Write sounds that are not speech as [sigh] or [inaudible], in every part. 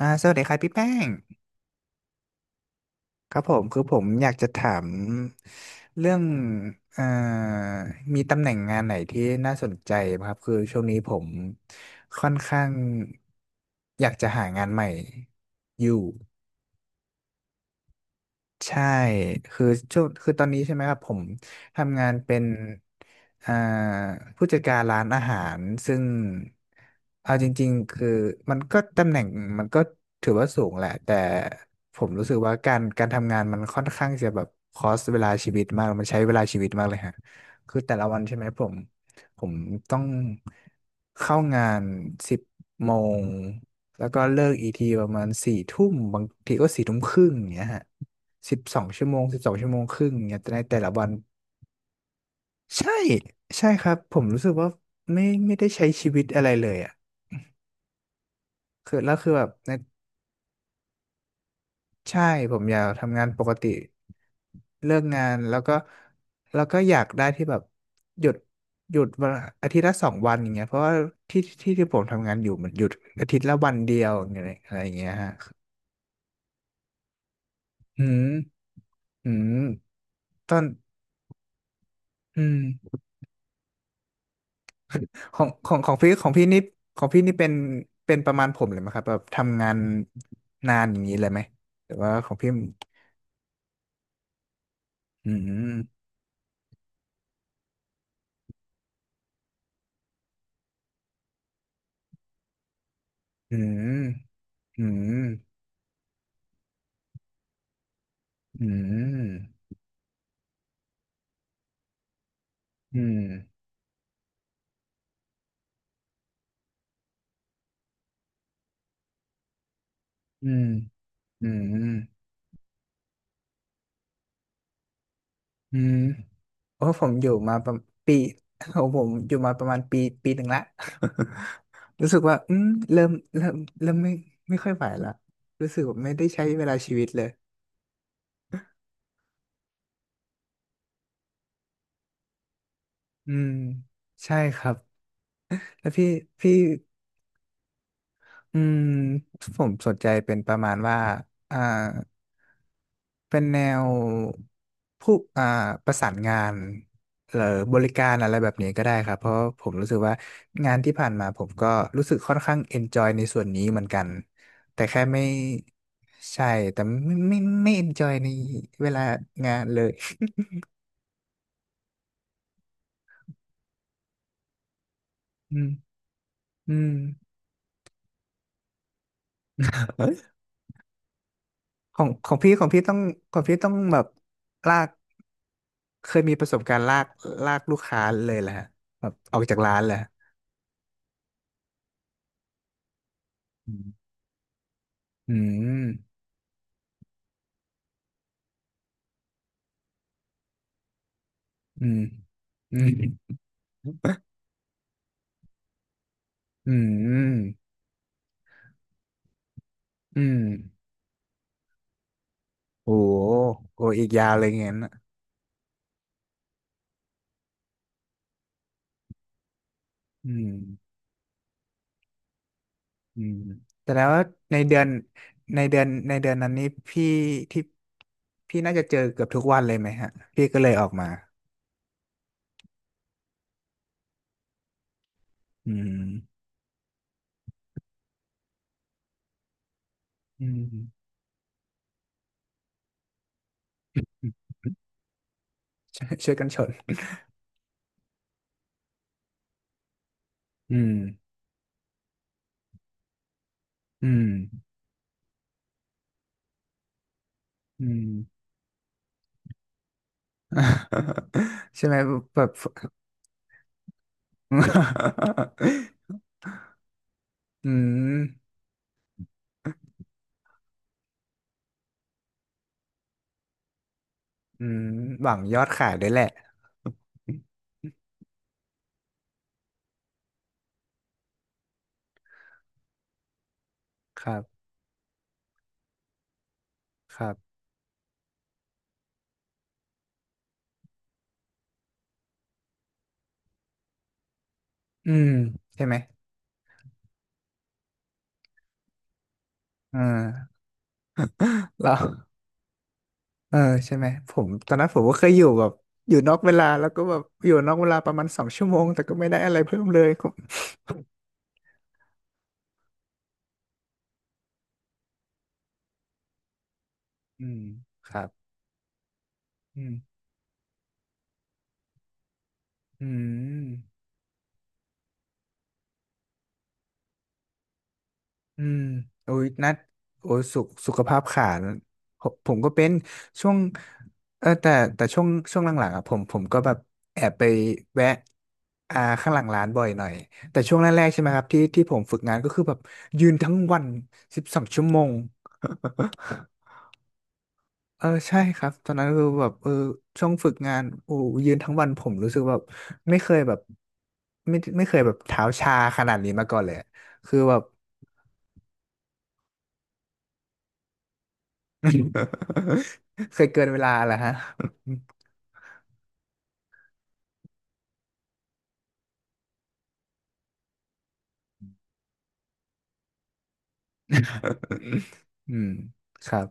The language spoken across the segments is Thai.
สวัสดีครับพี่แป้งครับผมอยากจะถามเรื่องเอ่อมีตำแหน่งงานไหนที่น่าสนใจไหมครับคือช่วงนี้ผมค่อนข้างอยากจะหางานใหม่อยู่ ใช่คือตอนนี้ใช่ไหมครับ ผมทำงานเป็นอ่าผู้จัดการร้านอาหาร ซึ่งเอาจริงๆ คือมันก็ตำแหน่งมันก็ถือว่าสูงแหละ แต่ผมรู้สึกว่าการทำงานมันค่อนข้างจะแบบคอสเวลาชีวิตมาก มันใช้เวลาชีวิตมากเลยฮะคือแต่ละวันใช่ไหมผม ผมต้องเข้างานสิบโมง แล้วก็เลิกอีกทีประมาณสี่ทุ่มบางทีก็สี่ทุ่มครึ่งอย่างเงี้ยฮะ สิบสองชั่วโมงสิบสองชั่วโมงครึ่งเนี่ยในแต่ละวันใช่ใช่ครับผมรู้สึกว่าไม่ได้ใช้ชีวิตอะไรเลยอ่ะคือแล้วคือแบบในใช่ผมอยากทำงานปกติเลิกงานแล้วก็แล้วก็อยากได้ที่แบบหยุดหยุดอาทิตย์ละสองวันอย่างเงี้ยเพราะว่าที่ที่ผมทำงานอยู่มันหยุดอาทิตย์ละวันเดียวอย่างเงี้ยอะไรอย่างเงี้ยฮะอืมอืมตอนอืม ของพี่ของพี่นี่เป็นเป็นประมาณผมเลยไหมครับแบบทำงานนานอย่างนี้เลยไหมหรือว่าของพี่อืมอืมอืมอืมอืมอืมอืมอืมโอ้ผมอยู่มาประมาณปีของผมอยู่มาประมาณปีปีหนึ่งละ [laughs] รู้สึกว่าอืมเริ่มเริ่มเริ่มไม่ค่อยไหวละรู้สึกว่าไม่ได้ใช้เวลาชีวิตเลยอืมใช่ครับแล้วพี่ อืมผมสนใจเป็นประมาณว่าอ่าเป็นแนวผู้ประสานงานหรือบริการอะไรแบบนี้ก็ได้ครับเพราะผมรู้สึกว่างานที่ผ่านมาผมก็รู้สึกค่อนข้างเอนจอยในส่วนนี้เหมือนกันแต่แค่ไม่ใช่แต่ไม่ไม่เอนจอยในเวลางานเลยอืมอืม ของพี่ของพี่ต้องแบบลากเคยมีประสบการณ์ลากลากลูกค้าเลยแหละแบบออกจากร้านแหละอมอืมอืมอืมอืมอืมโอ้โหโอ้อีกยาวเลยงั้นอะอืมอืมแต่แล้วาในเดือนในเดือนนั้นนี้พี่ที่พี่น่าจะเจอเกือบทุกวันเลยไหมฮะพี่ก็เลยออกมาอืมอืม [laughs] ช่วยกันชนอืมอืม อืม [laughs] ใช่ไหมแบบ [laughs] อืมอืมหวังยอดขายด้วยแหละครับครับอืมใช่ไหมเออเราเออใช่ไหมผมตอนนั้นผมก็เคยอยู่แบบอยู่นอกเวลาแล้วก็แบบอยู่นอกเวลาประมาณสองชั่วโมงแต่ก็ไม่ได้อะไรเพิ่มเลยก็อืมครับอืมอืม อืมโอ้ยนัดโอ้ยสุขภาพขาดผมก็เป็นช่วงเออแต่แต่ช่วงหลังๆอ่ะผมก็แบบแอบไปแวะข้างหลังร้านบ่อยหน่อยแต่ช่วงแรกๆใช่ไหมครับที่ผมฝึกงานก็คือแบบยืนทั้งวันสิบสองชั่วโมงเออใช่ครับตอนนั้นคือแบบเออช่วงฝึกงานโอ้ยืนทั้งวันผมรู้สึกแบบไม่เคยแบบไม่เคยแบบเท้าชาขนาดนี้มาก่อนเลยอะคือแบบ [laughs] เคยเกินเวลาเหรอฮะอืมครับ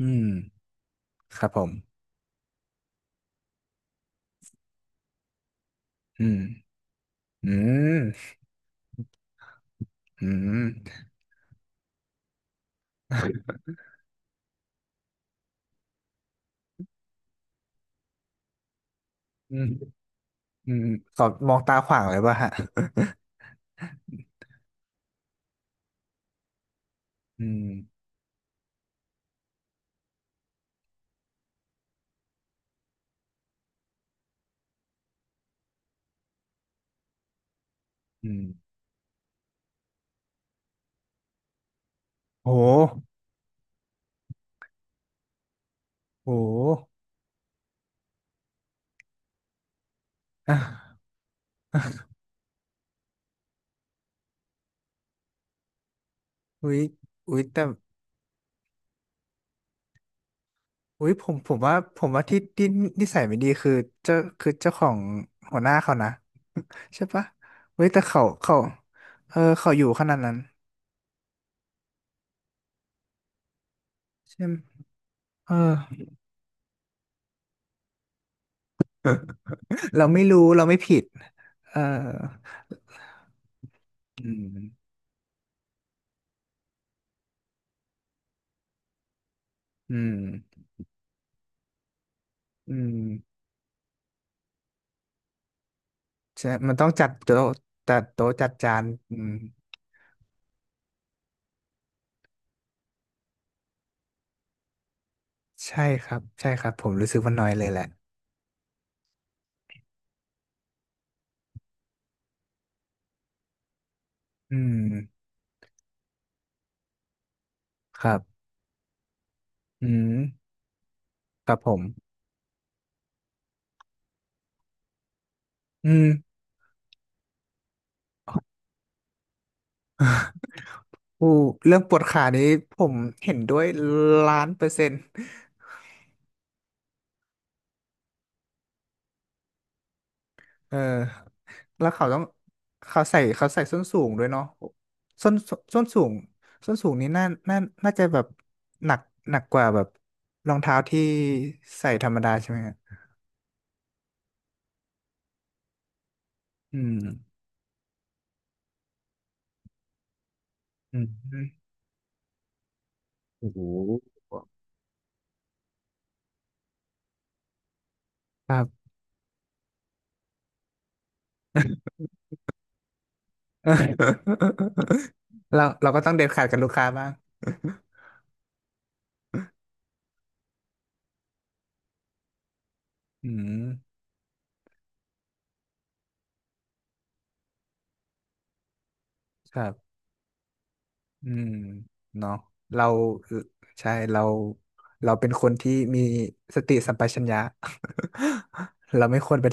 อืมครับผมอืมอืมอืมอืมอืมขอมองตาขวางเลยป่ะฮะอืมอืมโหโหอ่ะอุ๊ยอุ๊ยแต่อุ๊ยผมว่า ที่นิสัยไม่ดีคือเจ้าของหัวหน้าเขานะใช่ปะเว้ยแต่เขาเออเขาอยู่ขนาดนั้นใช่ไหมเออ เราไม่รู้เราไม่ผิดเอออืมอืมอืมใช่มันต้องจัดโต๊ะจัดจานอืมใช่ครับผมรู้สึกว่าน้อยเลยแหละอืมครับ อืมครับผมอืม [laughs] อู้เรื่องปวดขานี้ผมเห็นด้วยล้านเปอร์เซ็นต์ เออแล้วเขาต้องเขาใส่ส้นสูงด้วยเนาะส้นส้นสูงส้นสูงนี้น่าน่าน่าจะแบบหนักกว่าแบบรองเท้าที่ใส่ธรรมดาใช่ไหมฮะอืมอืมโอ้โหครับ [laughs] เราก็ต้องเด็ดขาดกับลูกค้าบ้าง [laughs] อืมครับอืมเนาะเราใช่เราเป็นคนที่มีสติสัมปชัญญะ [laughs] เราไม่ควรไป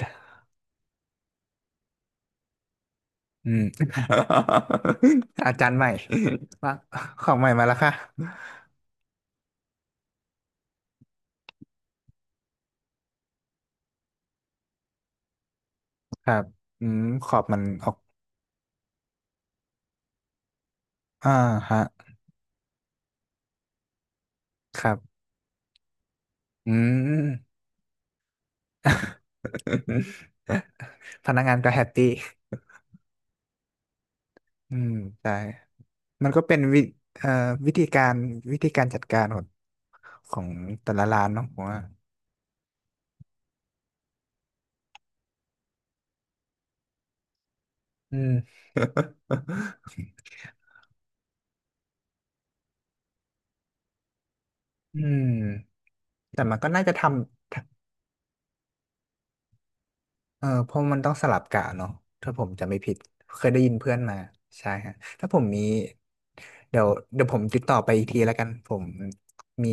อืม [laughs] อาจารย์ใหม่ว่าของใหม่มาแล้วค่ะครับอืม ขอบมันออกอ่าฮะครับ อืม [laughs] พนักงานก็แฮปปี้อืมใช่มันก็เป็นวิเอ่อวิธีการจัดการของของแต่ละร้านเนาะผมว่าอืม [laughs] อืม แต่มันก็น่าจะทำ เออเพราะมันต้องสลับกะเนาะถ้าผมจำไม่ผิดเคยได้ยินเพื่อนมาใช่ฮะถ้าผมมีเดี๋ยวเดี๋ยวผมติดต่อไปอีกทีแล้วกันผมมี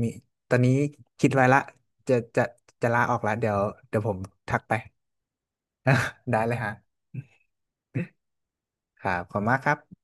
มีตอนนี้คิดไว้ละจะจะลาออกแล้วเดี๋ยวเดี๋ยวผมทักไป [laughs] ได้เลยฮะครับขอบคุณมากครับ